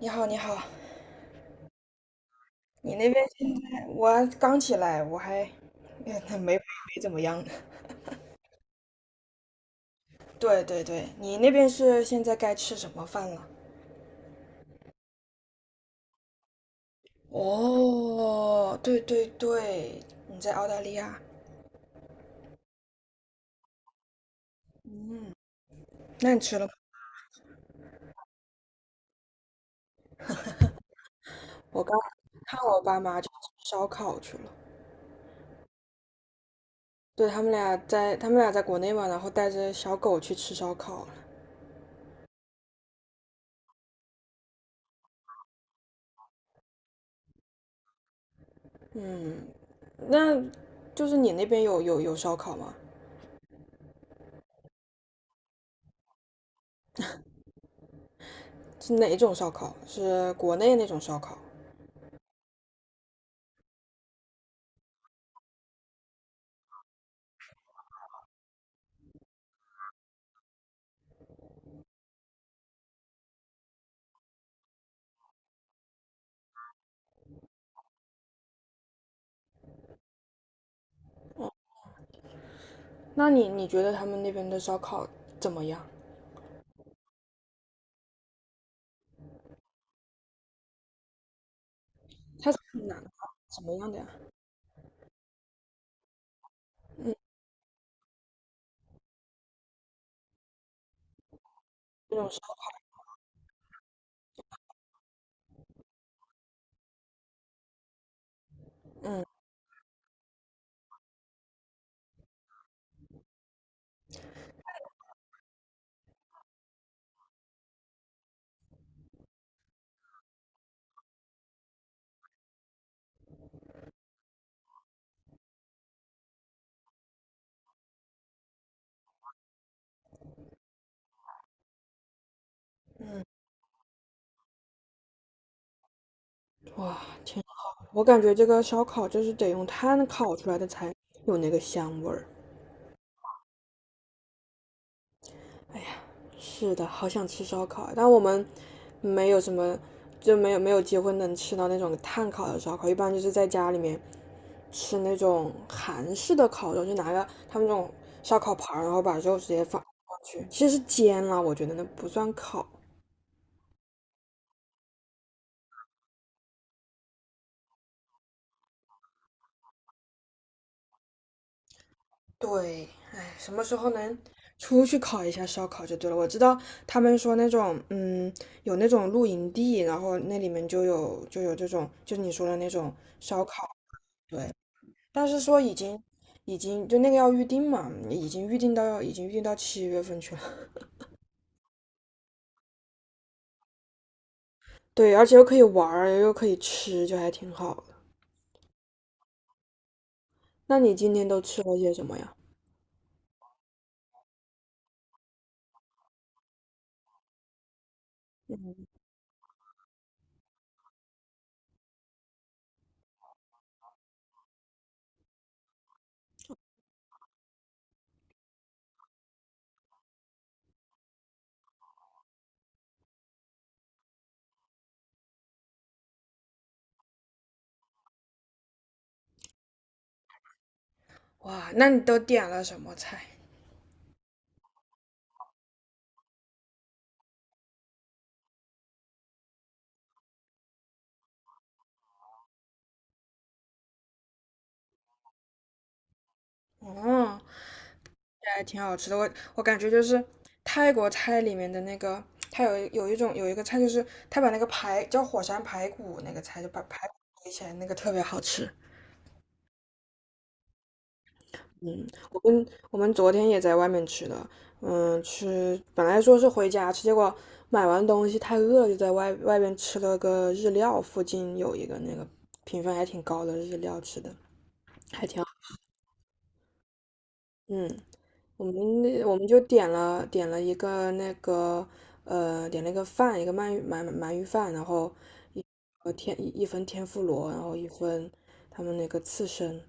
你好，你好，你那边现在我刚起来，我还没怎么样呢。对对对，你那边是现在该吃什么饭了？哦，对对对，你在澳大利亚，嗯，那你吃了吗？我刚看我爸妈去吃烧烤去了，对，他们俩在国内嘛，然后带着小狗去吃烧烤了。嗯，那就是你那边有烧烤吗？是哪种烧烤？是国内那种烧烤？那你觉得他们那边的烧烤怎么样？它是哪个烤什么样的呀？嗯，这种烧，嗯，哇，挺好。我感觉这个烧烤就是得用炭烤出来的才有那个香味儿。哎呀，是的，好想吃烧烤啊但我们没有什么，就没有机会能吃到那种炭烤的烧烤，一般就是在家里面吃那种韩式的烤肉，就拿个他们那种烧烤盘儿然后把肉直接放上去，其实是煎了，我觉得那不算烤。对，哎，什么时候能出去烤一下烧烤就对了。我知道他们说那种，嗯，有那种露营地，然后那里面就有这种，就你说的那种烧烤，对。但是说已经就那个要预定嘛，已经预定到7月份去了。对，而且又可以玩儿，又可以吃，就还挺好的。那你今天都吃了些什么呀？哇，那你都点了什么菜？哦，也还挺好吃的。我感觉就是泰国菜里面的那个，它有一个菜，就是它把那个排叫火山排骨那个菜，就把排骨堆起来，那个特别好吃。嗯，我跟我们昨天也在外面吃的，嗯，本来说是回家吃，结果买完东西太饿了就在外边吃了个日料，附近有一个那个评分还挺高的日料吃的，还挺好。嗯，我们就点了一个饭，一个鳗鱼饭，然后一一份天妇罗，然后一份他们那个刺身，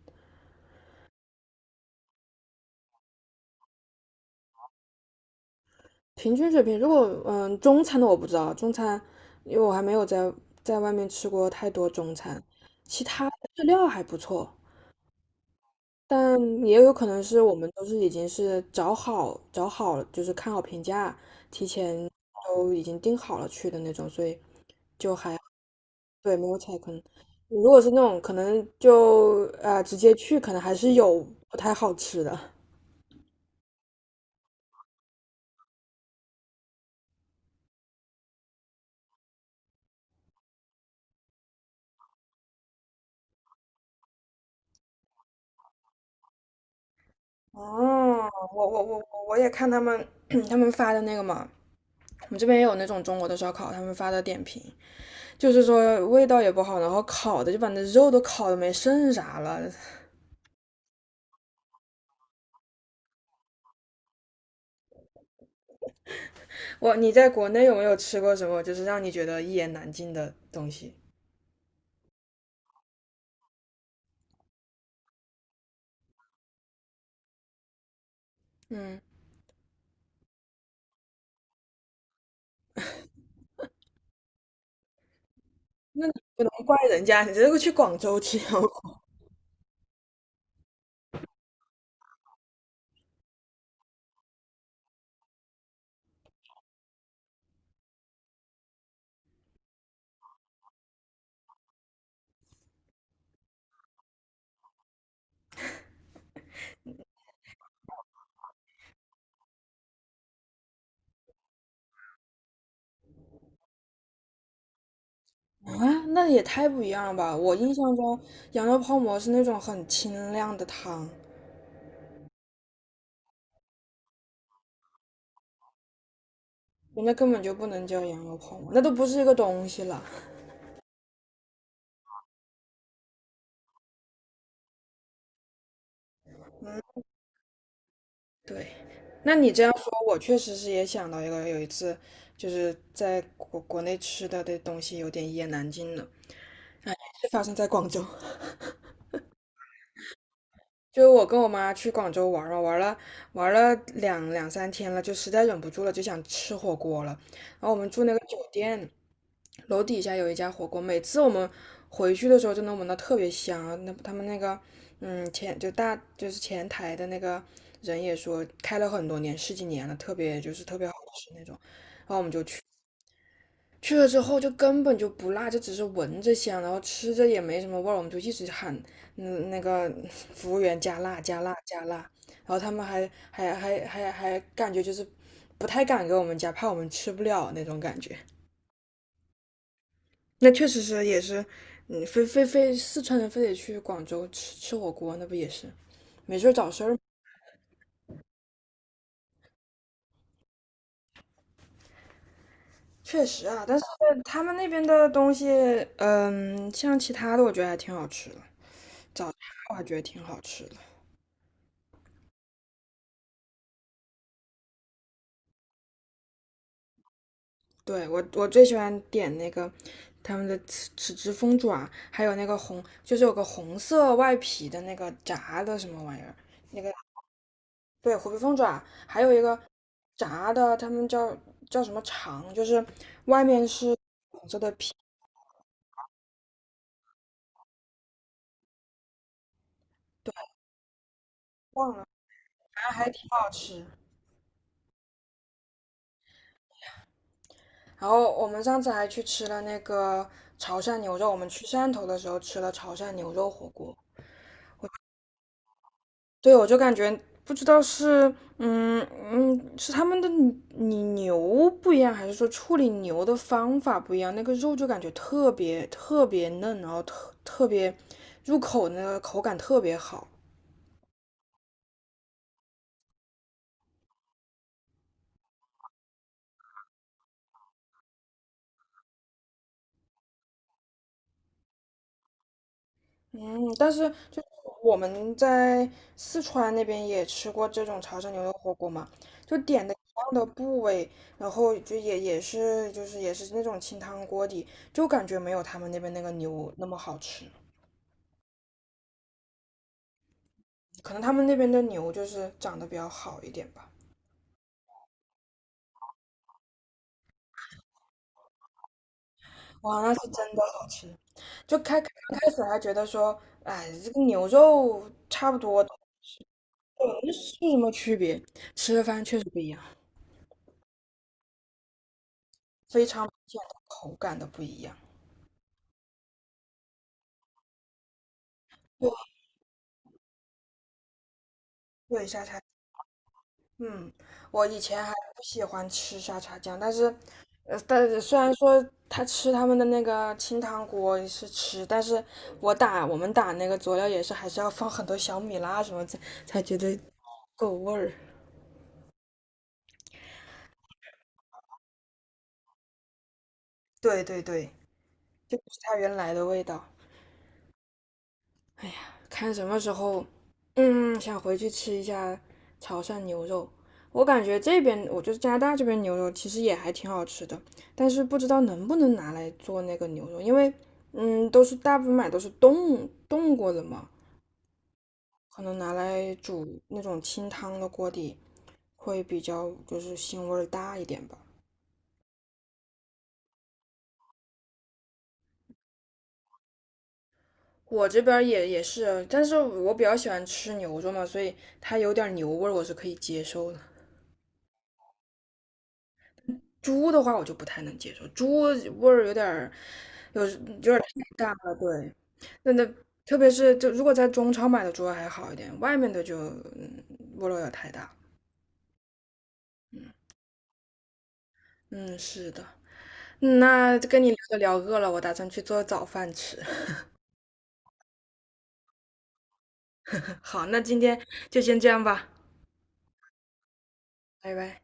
平均水平。如果中餐的我不知道，中餐因为我还没有在外面吃过太多中餐，其他的日料还不错。但也有可能是我们都是已经是找好了，就是看好评价，提前都已经定好了去的那种，所以就还。对，没有踩坑。如果是那种可能就直接去，可能还是有不太好吃的。哦，我也看他们 他们发的那个嘛，我们这边也有那种中国的烧烤，他们发的点评就是说味道也不好，然后烤的就把那肉都烤的没剩啥了。你在国内有没有吃过什么就是让你觉得一言难尽的东西？嗯，不能怪人家，你这个去广州吃，啊，那也太不一样了吧！我印象中羊肉泡馍是那种很清亮的汤，人家根本就不能叫羊肉泡馍，那都不是一个东西了。对，那你这样说，我确实是也想到一个，有一次就是在国内吃的东西有点一言难尽了，是发生在广州。就是我跟我妈去广州玩了玩了两三天了，就实在忍不住了，就想吃火锅了。然后我们住那个酒店，楼底下有一家火锅，每次我们回去的时候就能闻到特别香啊。那他们那个，嗯，前就大就是前台的那个人也说，开了很多年，十几年了，特别好吃那种。去了之后就根本就不辣，就只是闻着香，然后吃着也没什么味儿，我们就一直喊，嗯，那个 服务员加辣加辣加辣，然后他们还感觉就是不太敢给我们加，怕我们吃不了那种感觉。那确实是也是，嗯，非四川人非得去广州吃火锅，那不也是没事儿找事儿吗？确实啊，但是他们那边的东西，嗯，像其他的，我觉得还挺好吃的，我还觉得挺好吃的。对，我最喜欢点那个他们的豉汁凤爪，还有那个红，就是有个红色外皮的那个炸的什么玩意儿，那个对虎皮凤爪，还有一个炸的，他们叫什么肠，就是外面是忘了。还挺好吃。然后我们上次还去吃了那个潮汕牛肉，我们去汕头的时候吃了潮汕牛肉火锅。对，我就感觉不知道是是他们的牛不一样，还是说处理牛的方法不一样？那个肉就感觉特别特别嫩，然后特别入口那个口感特别好。嗯，但是就是我们在四川那边也吃过这种潮汕牛肉火锅嘛，就点的一样的部位，然后就也是那种清汤锅底，就感觉没有他们那边那个牛那么好吃，可能他们那边的牛就是长得比较好一点吧。哇，那是真的好吃！就开始还觉得说，哎，这个牛肉差不多，那是什么区别？吃了饭确实不一样，非常明显的口感的不一样。对。对，沙茶，嗯，我以前还不喜欢吃沙茶酱，但是虽然说他们的那个清汤锅是吃，但是我们打那个佐料也是还是要放很多小米辣什么才觉得够味儿。对对对，就不是它原来的味道。哎呀，看什么时候，嗯，想回去吃一下潮汕牛肉。我感觉这边，我就是加拿大这边牛肉其实也还挺好吃的，但是不知道能不能拿来做那个牛肉，因为，嗯，都是大部分买都是冻过的嘛，可能拿来煮那种清汤的锅底会比较就是腥味儿大一点吧。我这边儿也是啊，但是我比较喜欢吃牛肉嘛，所以它有点牛味儿我是可以接受的。猪的话我就不太能接受，猪味儿有点儿，有点儿太大了。对，那特别是就如果在中超买的猪还好一点，外面的就味儿有点太大。嗯，是的。嗯那跟你聊着聊饿了，我打算去做早饭吃。好，那今天就先这样吧，拜拜。